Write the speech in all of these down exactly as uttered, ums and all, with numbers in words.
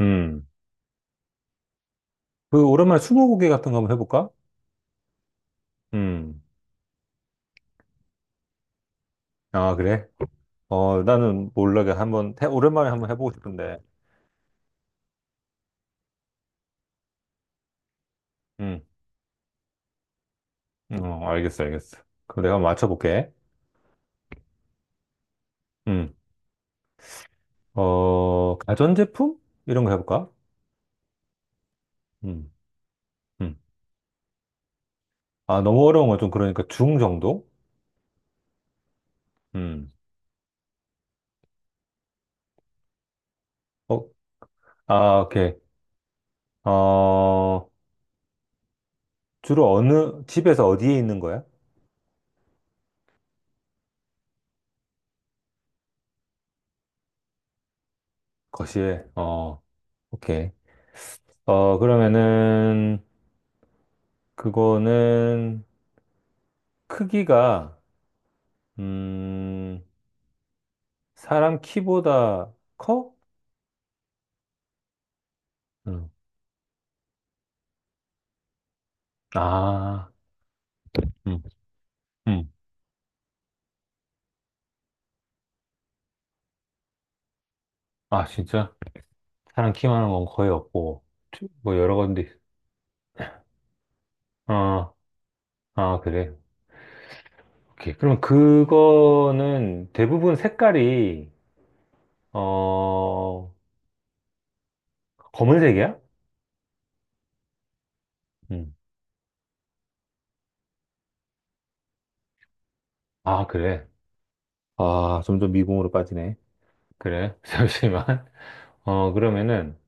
음. 그 오랜만에 스무고개 같은 거 한번 해볼까? 음. 아, 그래? 어, 나는 몰라게 한번 해, 오랜만에 한번 해보고 싶은데. 음. 어, 알겠어, 알겠어. 그럼 내가 한번 맞춰볼게. 음. 어, 가전제품? 이런 거 해볼까? 음. 음. 아, 너무 어려운 건 좀 그러니까 중 정도? 음. 어, 아, 오케이. 어, 주로 어느 집에서 어디에 있는 거야? 거실에. 어, 오케이. 어, 그러면은 그거는 크기가 음, 사람 키보다 커? 음. 아, 음, 음. 아, 진짜? 사람 키만한 건 거의 없고, 트- 뭐 여러 건데, 아, 아, 그래. 오케이. 그럼 그거는 대부분 색깔이, 어, 검은색이야? 음. 아, 그래. 아, 점점 미궁으로 빠지네. 그래. 잠시만. 어, 그러면은,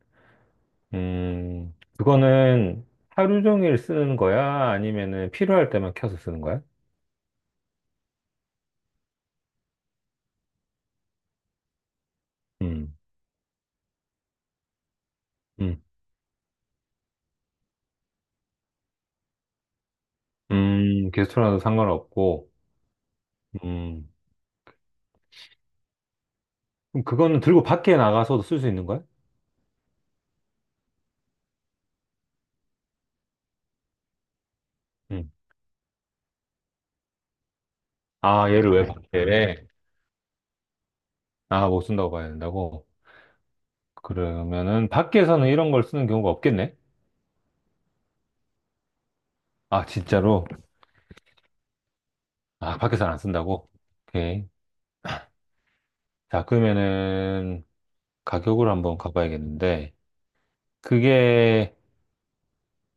음, 그거는 하루 종일 쓰는 거야? 아니면은 필요할 때만 켜서 쓰는 거야? 음. 음, 음, 게스트라도 상관없고, 음, 그럼 그거는 들고 밖에 나가서도 쓸 수 있는 거야? 음. 아, 얘를 왜 네. 밖에? 아, 못 쓴다고 봐야 된다고? 그러면은 밖에서는 이런 걸 쓰는 경우가 없겠네? 아, 진짜로? 아, 밖에서는 안 쓴다고? 오케이. 자, 그러면은 가격을 한번 가봐야겠는데, 그게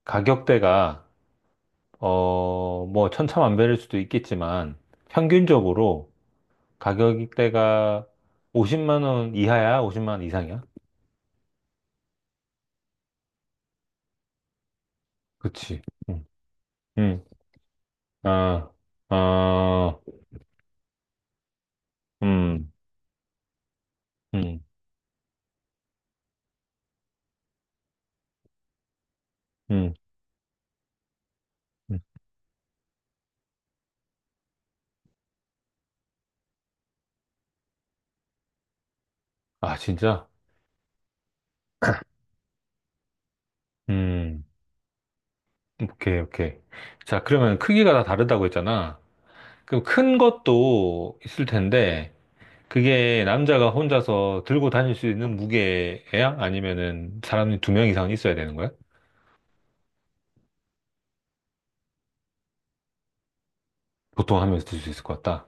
가격대가, 어, 뭐 천차만별일 수도 있겠지만, 평균적으로 가격대가 오십만 원 이하야? 오십만 원 이상이야? 그치. 음, 음, 아, 아, 음, 음, 음, 음. 아, 진짜? 음, 오케이, 오케이. 자, 그러면 크기가 다 다르다고 했잖아. 그럼 큰 것도 있을 텐데, 그게 남자가 혼자서 들고 다닐 수 있는 무게야? 아니면은 사람이 두 명 이상 있어야 되는 거야? 보통 한 명이 들 수 있을 것 같다.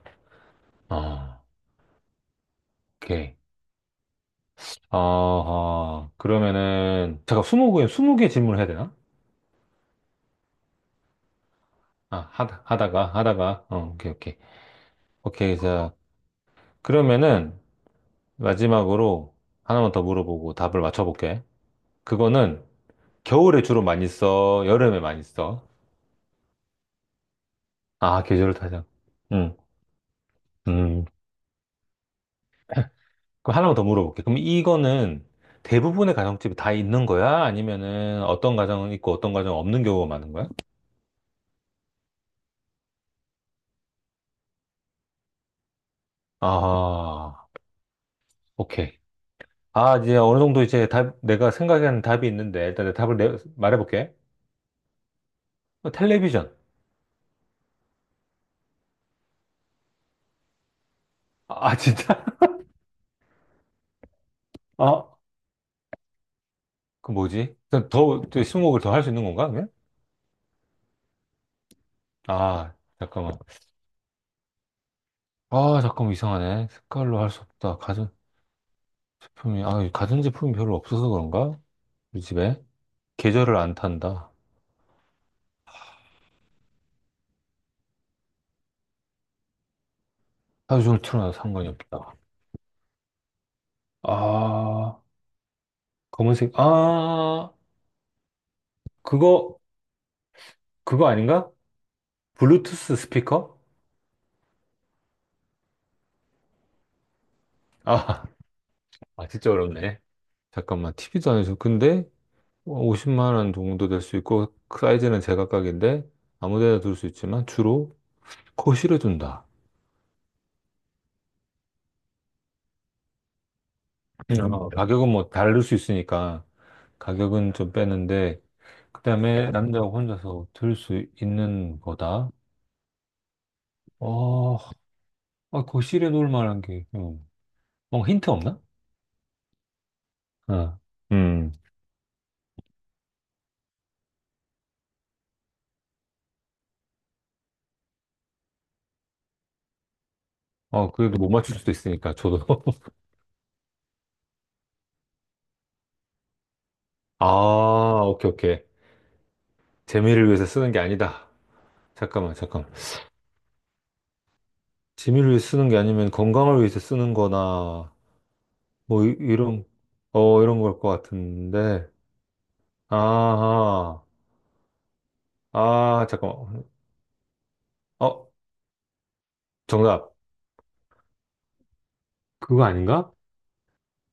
아, 오케이. 아, 그러면은, 잠깐, 스무 개, 스무 개 질문을 해야 되나? 아, 하다, 하다가, 하다가, 어, 오케이, 오케이. 오케이, 자. 그러면은 마지막으로 하나만 더 물어보고 답을 맞춰볼게. 그거는 겨울에 주로 많이 써? 여름에 많이 써? 아, 계절을 타자. 응. 음. 그럼 하나만 더 물어볼게. 그럼 이거는 대부분의 가정집이 다 있는 거야? 아니면은 어떤 가정은 있고 어떤 가정은 없는 경우가 많은 거야? 아, 오케이. 아, 이제 어느 정도 이제 답, 내가 생각하는 답이 있는데 일단 내 답을 내, 말해볼게. 어, 텔레비전. 아, 진짜? 아, 그 뭐지? 그럼 더, 또 스무고개를 더 할 수 있는 건가, 그냥 아, 잠깐만. 아, 잠깐만, 이상하네. 색깔로 할 수 없다. 가전제품이, 아, 가전제품이 별로 없어서 그런가? 우리 집에? 계절을 안 탄다. 하루 종일 틀어놔도 상관이 없다. 아, 검은색, 아, 그거, 그거 아닌가? 블루투스 스피커? 아, 아, 진짜 어렵네. 잠깐만, 티비도 아니죠. 근데, 오십만 원 정도 될 수 있고, 그 사이즈는 제각각인데, 아무 데나 둘 수 있지만, 주로 코 실어준다. 어, 가격은 뭐 다를 수 있으니까 가격은 좀 빼는데 그다음에 남자가 혼자서 들 수 있는 거다. 어, 아, 거실에 놓을 만한 게 음. 어, 힌트 없나? 어. 음. 어, 그래도 못 맞출 수도 있으니까 저도. 아, 오케이, 오케이. 재미를 위해서 쓰는 게 아니다. 잠깐만, 잠깐만. 재미를 위해서 쓰는 게 아니면 건강을 위해서 쓰는 거나 뭐 이- 이런 어, 이런 걸 것 같은데. 아하. 아, 잠깐만. 어, 정답. 그거 아닌가?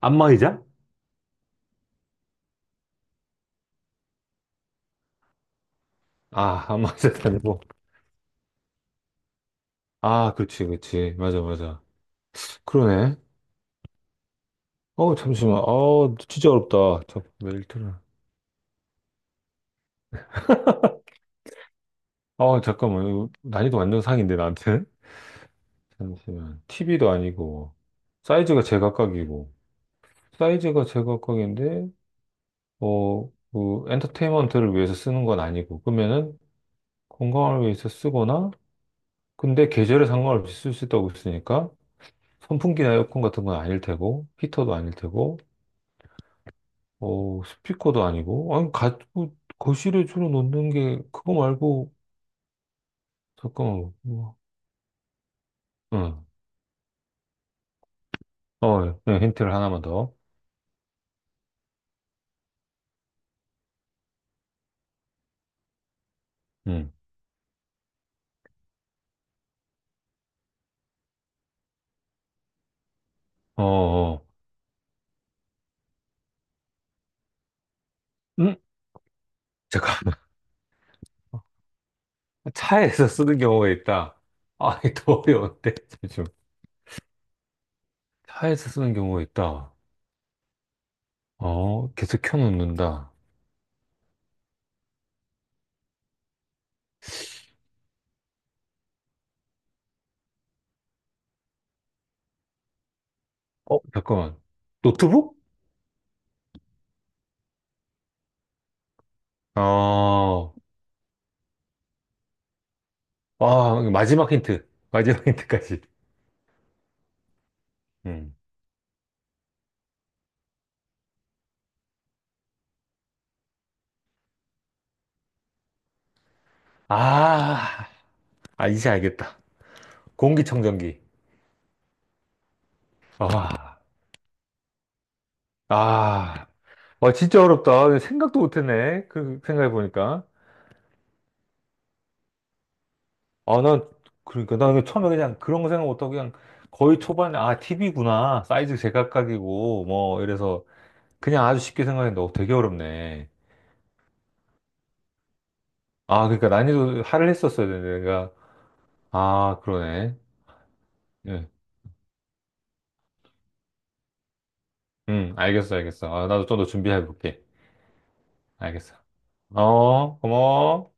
안마의자? 아, 안마의자도 아니고. 아, 그렇지, 그렇지. 맞아, 맞아. 그러네. 어, 잠시만. 어, 진짜 어렵다. 잠깐만, 일터를. 어, 잠깐만. 이거 난이도 완전 상인데, 나한테? 잠시만. 티비도 아니고, 사이즈가 제각각이고, 사이즈가 제각각인데, 어, 그, 엔터테인먼트를 위해서 쓰는 건 아니고, 그러면은, 건강을 위해서 쓰거나, 근데 계절에 상관없이 쓸 수 있다고 했으니까, 선풍기나 에어컨 같은 건 아닐 테고, 히터도 아닐 테고, 어, 스피커도 아니고, 아니, 가지고 거실에 주로 놓는 게 그거 말고, 잠깐만, 뭐, 응, 어, 예. 네, 힌트를 하나만 더, 응, 어, 어, 응? 잠깐만, 차에서 쓰는 경우가 있다. 아, 이더 어려운데, 지금. 차에서 쓰는 경우가 있다. 어, 계속 켜놓는다. 어, 잠깐만, 노트북? 어, 아, 마지막 힌트, 마지막 힌트까지. 음. 아, 아, 이제 알겠다. 공기청정기. 아. 아, 와, 진짜 어렵다. 생각도 못했네. 그, 생각해보니까. 아, 난, 그러니까, 난 처음에 그냥 그런 거 생각 못하고 그냥 거의 초반에, 아, 티비구나. 사이즈 제각각이고, 뭐, 이래서 그냥 아주 쉽게 생각했는데, 어, 되게 어렵네. 아, 그러니까 난이도 하를 했었어야 되는데, 내가. 아, 그러네. 응, 응, 알겠어, 알겠어. 아, 나도 좀 더 준비해볼게. 알겠어. 어, 고마워.